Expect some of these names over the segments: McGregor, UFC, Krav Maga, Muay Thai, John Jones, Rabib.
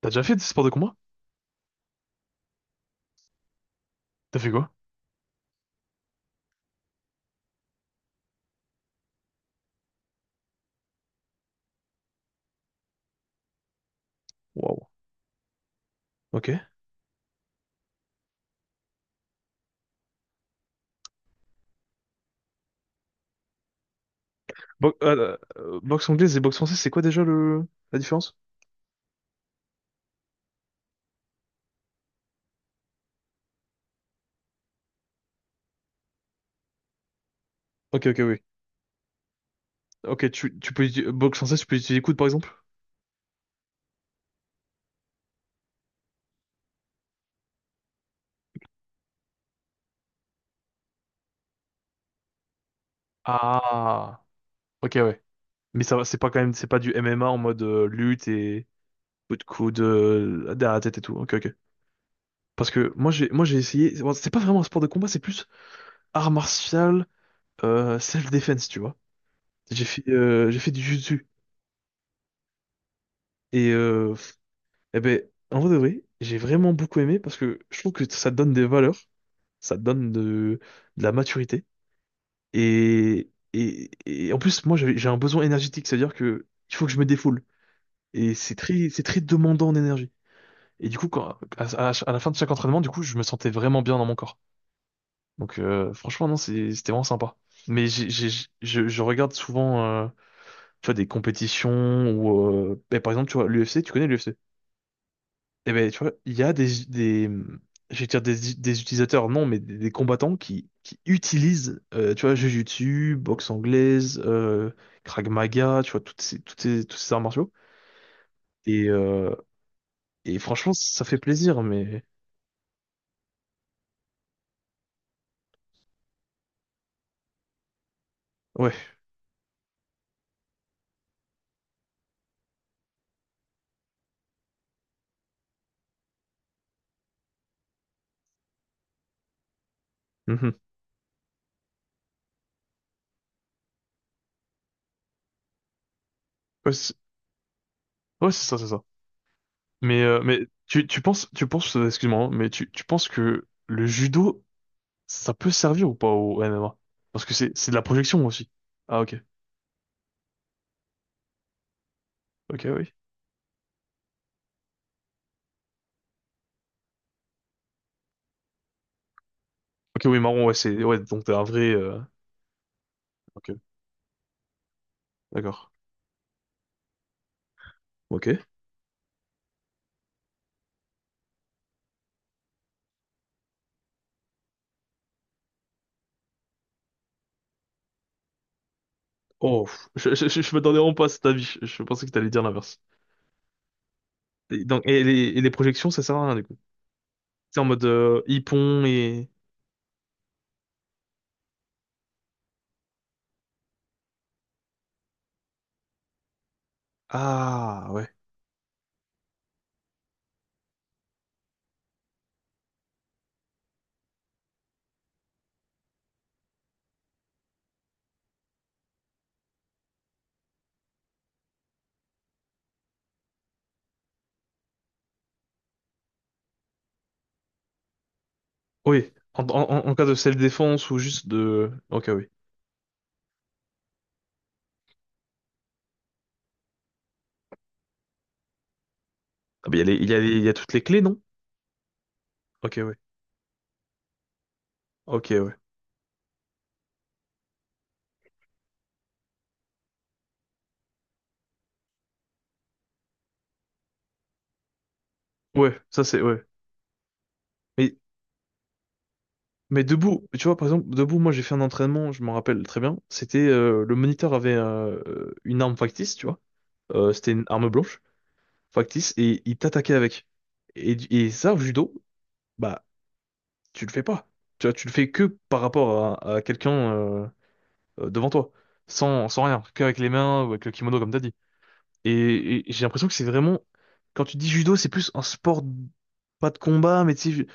T'as déjà fait des sports de combat? T'as fait quoi? Waouh. Ok. Boxe anglaise et boxe française, c'est quoi déjà le la différence? Ok, ok, oui. Ok, tu peux utiliser boxe française, tu peux utiliser les coudes par exemple? Ah, ok, ouais. Mais ça, va, c'est pas quand même, c'est pas du MMA en mode lutte et coup de coude derrière la tête et tout. Ok, ok. Parce que moi j'ai essayé. Bon, c'est pas vraiment un sport de combat, c'est plus art martial, self-defense, tu vois. J'ai fait du jiu-jitsu et eh ben, en vrai de vrai, j'ai vraiment beaucoup aimé parce que je trouve que ça te donne des valeurs, ça te donne de la maturité. Et en plus, moi, j'ai un besoin énergétique, c'est-à-dire que il faut que je me défoule. Et c'est c'est très demandant en énergie. Et du coup, à la fin de chaque entraînement, du coup, je me sentais vraiment bien dans mon corps. Donc, franchement, non, c'était vraiment sympa. Mais je regarde souvent, tu vois, des compétitions ou, ben, par exemple, tu vois, l'UFC, tu connais l'UFC? Et ben, tu vois, il y a je vais dire des utilisateurs, non, mais des combattants qui utilisent, tu vois, Jujutsu, boxe anglaise, Krav Maga, tu vois, tous ces arts martiaux. Et, euh, et franchement, ça fait plaisir, mais ouais, mhm. Ouais, c'est ouais, c'est ça. Mais tu penses, excuse-moi, hein, mais tu penses que le judo, ça peut servir ou pas au MMA? Parce que c'est de la projection aussi. Ah, ok, ok, oui. Ok, oui, marron, ouais, ouais, donc t'es un vrai, ok. D'accord. Ok. Oh, pff, je m'attendais vraiment pas à cet avis. Je pensais que t'allais dire l'inverse. Et donc, et les projections, ça sert à rien du coup. C'est en mode hippon et... Ah, ouais. Oui, en, en, en cas de self-défense ou juste de... Ok, oui. Ah, mais il y a toutes les clés, non? Ok, ouais. Ok, ouais. Ouais, ça c'est... Ouais. Mais, mais debout, tu vois, par exemple, debout, moi j'ai fait un entraînement, je m'en rappelle très bien. C'était... le moniteur avait une arme factice, tu vois. C'était une arme blanche. Factice, et il t'attaquait avec. Et, et ça, au judo, bah, tu le fais pas. Tu vois, tu le fais que par rapport à quelqu'un devant toi, sans rien, qu'avec les mains ou avec le kimono, comme t'as dit. Et j'ai l'impression que c'est vraiment, quand tu dis judo, c'est plus un sport, pas de combat, mais tu sais,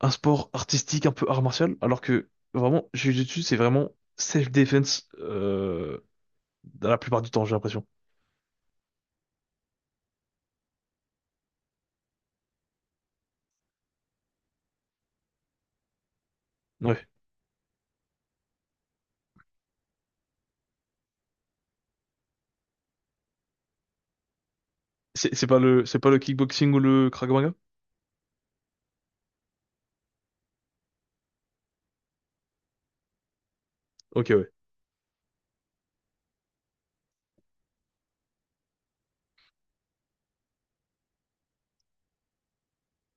un sport artistique, un peu art martial, alors que vraiment, Jiu-Jitsu, c'est vraiment self-defense dans la plupart du temps, j'ai l'impression. Ouais. C'est pas le, c'est pas le kickboxing ou le Krav Maga? Ok, ouais.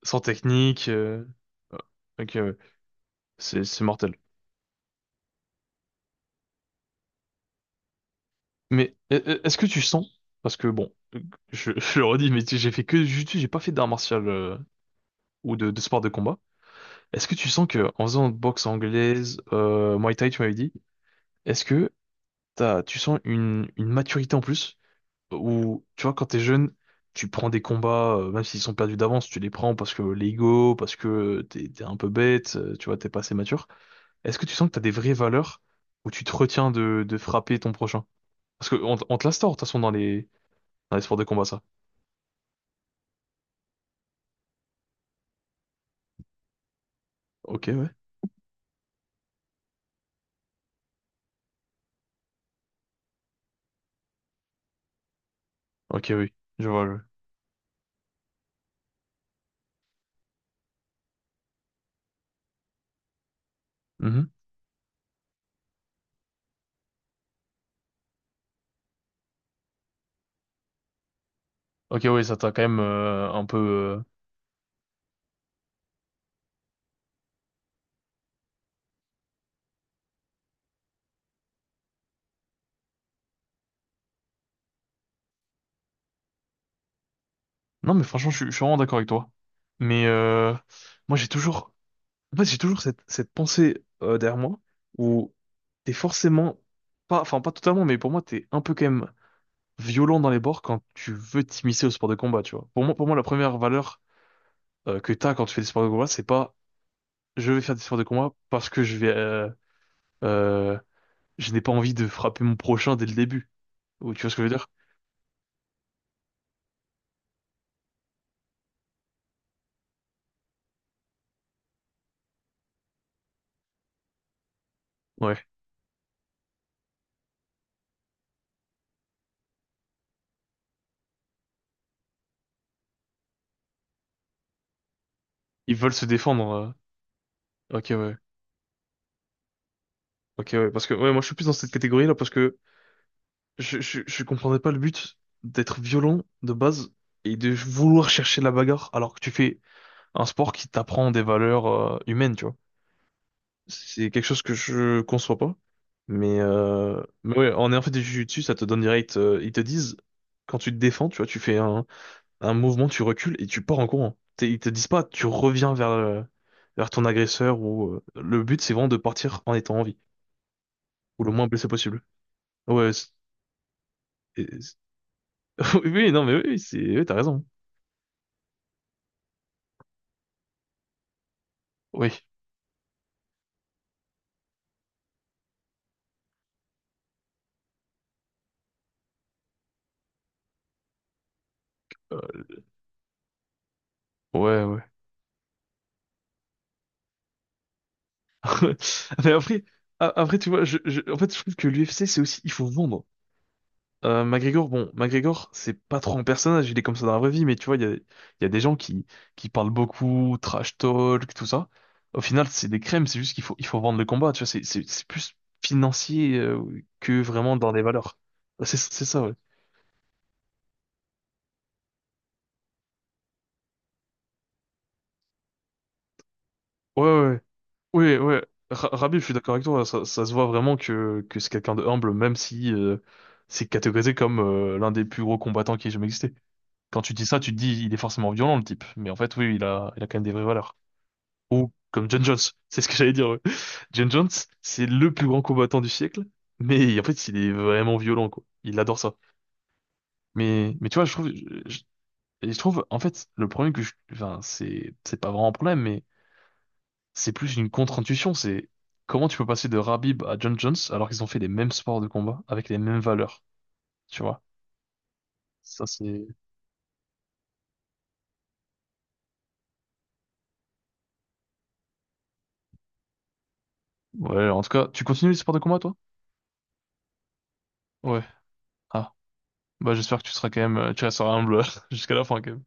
Sans technique. Euh, ok, ouais. C'est mortel. Mais est-ce que tu sens? Parce que bon, je, je le redis, mais j'ai fait que du jiu-jitsu, j'ai pas fait d'art martial ou de sport de combat. Est-ce que tu sens que en faisant boxe anglaise, Muay Thai, tu m'avais dit, est-ce que tu sens une maturité en plus? Ou tu vois, quand t'es jeune, tu prends des combats, même s'ils sont perdus d'avance, tu les prends parce que l'ego, parce que t'es un peu bête, tu vois, t'es pas assez mature. Est-ce que tu sens que t'as des vraies valeurs où tu te retiens de frapper ton prochain? Parce que on te l'instaure, de toute façon, dans les sports de combat, ça. Ok, ouais. Ok, oui, je vois. Mhm. Ok, oui, ça t'a quand même un peu... non, mais franchement, je suis vraiment d'accord avec toi. Mais moi, j'ai toujours... En fait, j'ai toujours cette pensée derrière moi où t'es forcément... pas, enfin, pas totalement, mais pour moi, t'es un peu quand même violent dans les bords quand tu veux t'immiscer au sport de combat, tu vois. Pour moi la première valeur que t'as quand tu fais des sports de combat, c'est pas je vais faire des sports de combat parce que je vais, euh, je n'ai pas envie de frapper mon prochain dès le début. Ou tu vois ce que je veux dire? Ouais. Ils veulent se défendre. Euh. Ok, ouais. Ok, ouais. Parce que, ouais, moi, je suis plus dans cette catégorie-là parce que je comprendrais pas le but d'être violent de base et de vouloir chercher la bagarre alors que tu fais un sport qui t'apprend des valeurs, humaines, tu vois. C'est quelque chose que je conçois pas. Mais ouais, en ayant fait du jiu-jitsu, ça te donne direct, ils te disent, quand tu te défends, tu vois, tu fais un mouvement, tu recules et tu pars en courant. Ils te disent pas, tu reviens vers, vers ton agresseur ou le but c'est vraiment de partir en étant en vie ou le moins blessé possible. Ouais, et- c'est- oui, non, mais oui, oui, t'as raison. Oui, euh, ouais, ouais. Mais après, après, tu vois, en fait, je trouve que l'UFC c'est aussi, il faut vendre. McGregor, bon, McGregor, c'est pas trop un personnage, il est comme ça dans la vraie vie, mais tu vois, il y a des gens qui parlent beaucoup, trash talk, tout ça. Au final, c'est des crèmes, c'est juste il faut vendre le combat, tu vois, c'est plus financier que vraiment dans les valeurs. Ouais, c'est ça, ouais. Ouais, ouais, ouais. Ouais. Rabib, je suis d'accord avec toi, ça se voit vraiment que c'est quelqu'un de humble, même si c'est catégorisé comme l'un des plus gros combattants qui ait jamais existé. Quand tu dis ça, tu te dis, il est forcément violent, le type, mais en fait, oui, il a quand même des vraies valeurs. Ou comme John Jones, c'est ce que j'allais dire. Ouais. John Jones, c'est le plus grand combattant du siècle, mais en fait, il est vraiment violent, quoi. Il adore ça. Mais tu vois, je trouve, je- et je trouve, en fait, le problème que enfin, c'est pas vraiment un problème, mais c'est plus une contre-intuition. C'est comment tu peux passer de Rabib à John Jones alors qu'ils ont fait les mêmes sports de combat avec les mêmes valeurs, tu vois. Ça, c'est, ouais, en tout cas, tu continues les sports de combat, toi? Ouais. Ah, bah, j'espère que tu seras quand même, tu resteras humble jusqu'à la fin, quand même.